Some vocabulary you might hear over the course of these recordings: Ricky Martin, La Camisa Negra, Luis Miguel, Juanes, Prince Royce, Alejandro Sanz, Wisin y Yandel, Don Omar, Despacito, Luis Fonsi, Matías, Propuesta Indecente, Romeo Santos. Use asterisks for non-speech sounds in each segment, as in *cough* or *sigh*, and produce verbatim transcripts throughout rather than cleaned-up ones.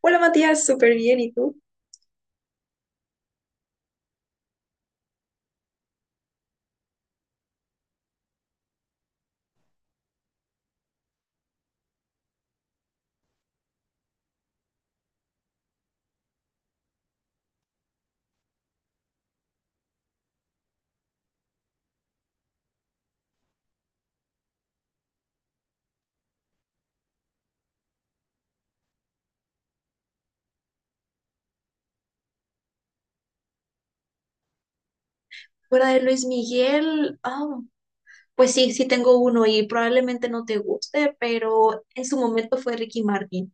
Hola Matías, súper bien, ¿y tú? Fuera de Luis Miguel, ah, pues sí, sí tengo uno y probablemente no te guste, pero en su momento fue Ricky Martin.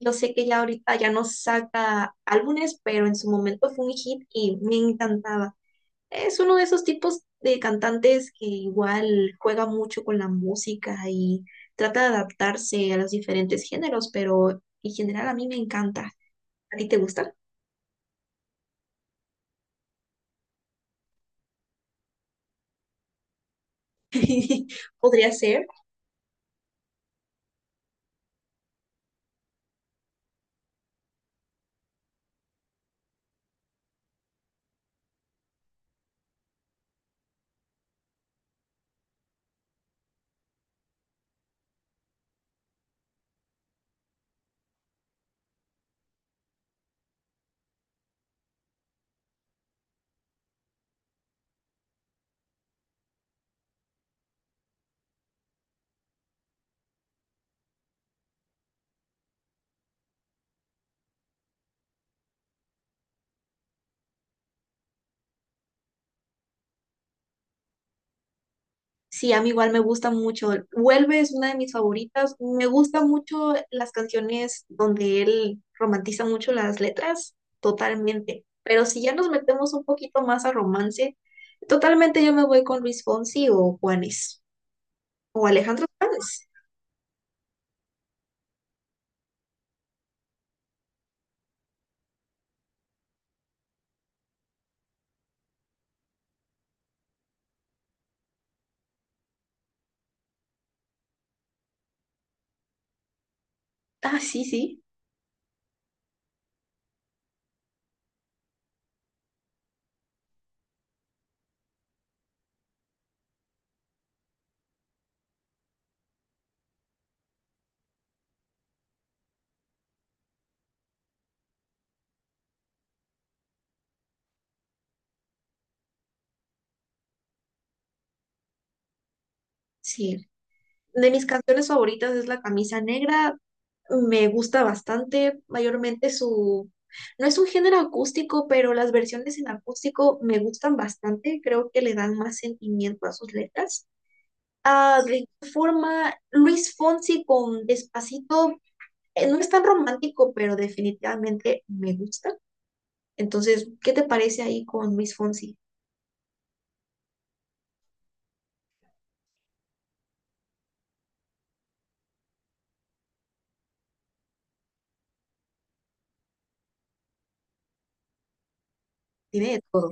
Yo sé que ya ahorita ya no saca álbumes, pero en su momento fue un hit y me encantaba. Es uno de esos tipos de cantantes que igual juega mucho con la música y trata de adaptarse a los diferentes géneros, pero en general a mí me encanta. ¿A ti te gusta? *laughs* Podría ser. Sí, a mí igual me gusta mucho. Vuelve es una de mis favoritas. Me gustan mucho las canciones donde él romantiza mucho las letras, totalmente. Pero si ya nos metemos un poquito más a romance, totalmente yo me voy con Luis Fonsi o Juanes o Alejandro Sanz. Ah, sí, sí, sí. De mis canciones favoritas es La Camisa Negra. Me gusta bastante, mayormente su... No es un género acústico, pero las versiones en acústico me gustan bastante. Creo que le dan más sentimiento a sus letras. Ah, de igual forma, Luis Fonsi con Despacito, eh, no es tan romántico, pero definitivamente me gusta. Entonces, ¿qué te parece ahí con Luis Fonsi? Tiene de todo.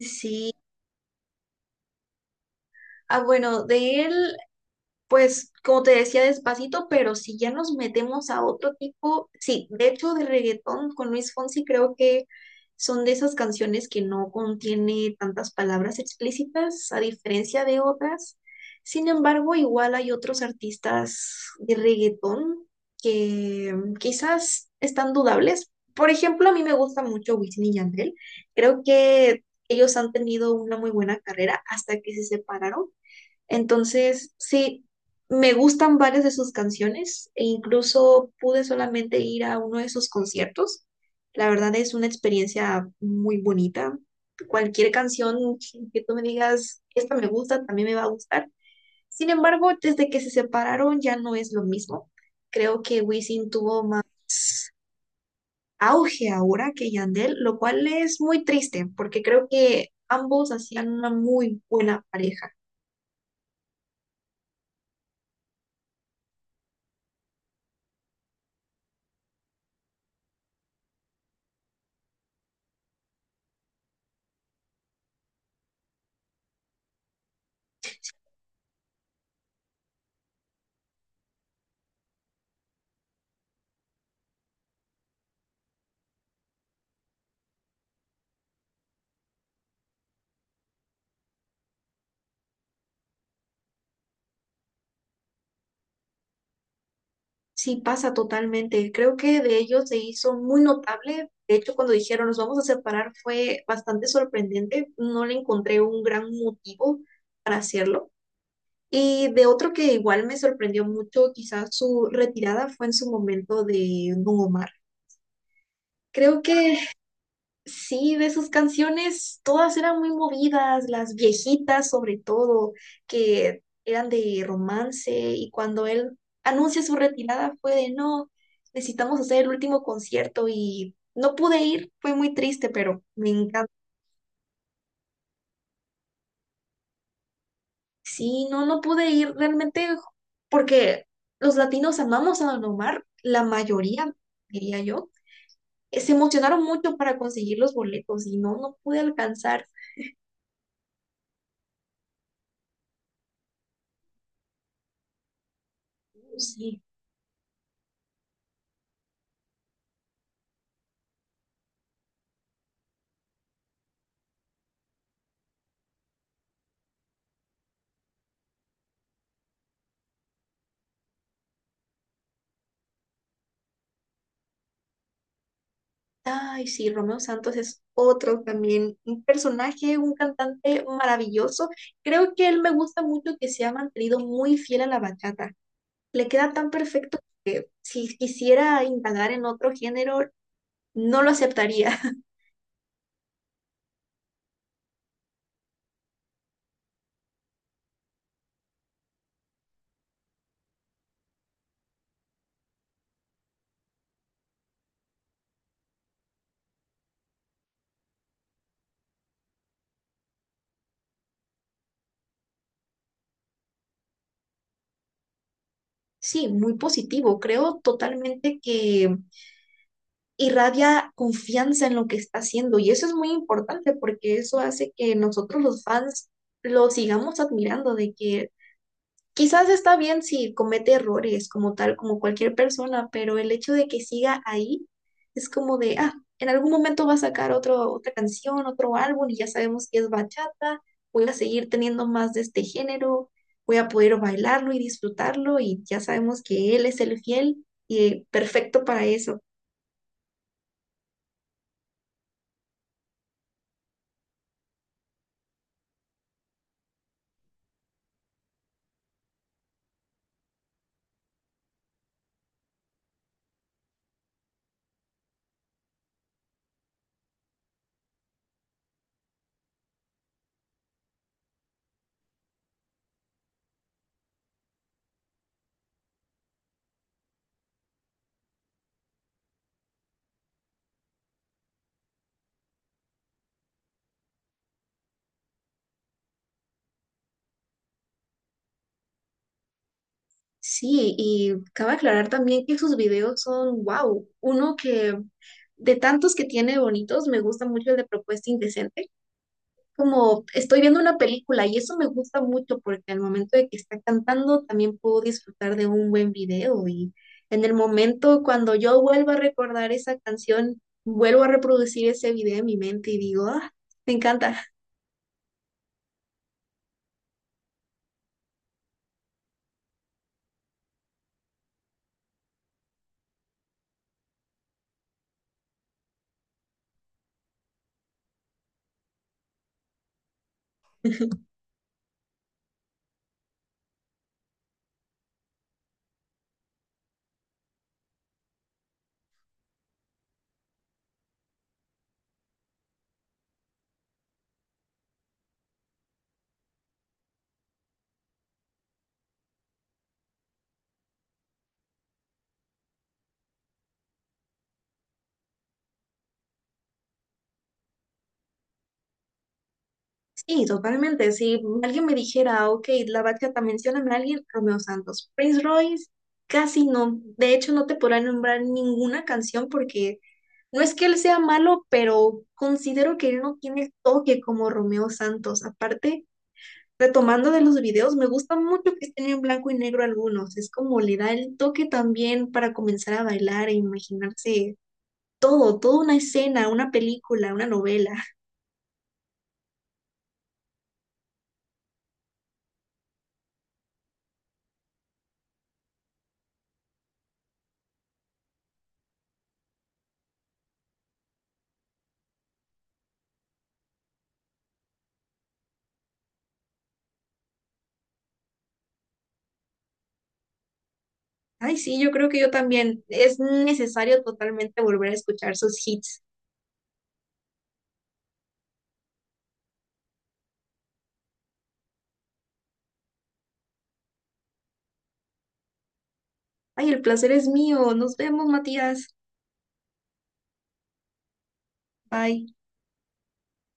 Sí. Ah, bueno, de él pues, como te decía, despacito, pero si ya nos metemos a otro tipo, sí, de hecho, de reggaetón con Luis Fonsi creo que son de esas canciones que no contiene tantas palabras explícitas, a diferencia de otras. Sin embargo, igual hay otros artistas de reggaetón que mm, quizás están dudables. Por ejemplo, a mí me gusta mucho Wisin y Yandel. Creo que ellos han tenido una muy buena carrera hasta que se separaron, entonces, sí, me gustan varias de sus canciones e incluso pude solamente ir a uno de sus conciertos. La verdad es una experiencia muy bonita. Cualquier canción que tú me digas, esta me gusta, también me va a gustar. Sin embargo, desde que se separaron ya no es lo mismo. Creo que Wisin tuvo más auge ahora que Yandel, lo cual es muy triste porque creo que ambos hacían una muy buena pareja. Sí, pasa totalmente. Creo que de ellos se hizo muy notable. De hecho, cuando dijeron nos vamos a separar fue bastante sorprendente. No le encontré un gran motivo para hacerlo. Y de otro que igual me sorprendió mucho, quizás su retirada fue en su momento de Don Omar. Creo que sí, de sus canciones, todas eran muy movidas, las viejitas sobre todo, que eran de romance y cuando él anuncia su retirada fue de no, necesitamos hacer el último concierto y no pude ir, fue muy triste, pero me encanta. Sí, no, no pude ir realmente porque los latinos amamos a Don Omar, la mayoría, diría yo, eh, se emocionaron mucho para conseguir los boletos y no, no pude alcanzar. Sí. Ay, sí, Romeo Santos es otro también, un personaje, un cantante maravilloso. Creo que él me gusta mucho que se ha mantenido muy fiel a la bachata. Le queda tan perfecto. Si quisiera indagar en otro género, no lo aceptaría. *laughs* Sí, muy positivo. Creo totalmente que irradia confianza en lo que está haciendo y eso es muy importante porque eso hace que nosotros los fans lo sigamos admirando, de que quizás está bien si comete errores como tal, como cualquier persona, pero el hecho de que siga ahí es como de, ah, en algún momento va a sacar otro, otra canción, otro álbum y ya sabemos que es bachata, voy a seguir teniendo más de este género, voy a poder bailarlo y disfrutarlo y ya sabemos que él es el fiel y perfecto para eso. Sí, y cabe aclarar también que sus videos son, wow, uno que de tantos que tiene bonitos, me gusta mucho el de Propuesta Indecente, como estoy viendo una película y eso me gusta mucho porque al momento de que está cantando también puedo disfrutar de un buen video y en el momento cuando yo vuelvo a recordar esa canción, vuelvo a reproducir ese video en mi mente y digo, ah, me encanta. Sí, totalmente. Si alguien me dijera, ok, la bachata, mencióname a alguien, Romeo Santos. Prince Royce, casi no. De hecho, no te podrá nombrar ninguna canción porque no es que él sea malo, pero considero que él no tiene el toque como Romeo Santos. Aparte, retomando de los videos, me gusta mucho que estén en blanco y negro algunos. Es como le da el toque también para comenzar a bailar e imaginarse todo, toda una escena, una película, una novela. Ay, sí, yo creo que yo también. Es necesario totalmente volver a escuchar sus hits. Ay, el placer es mío. Nos vemos, Matías. Bye.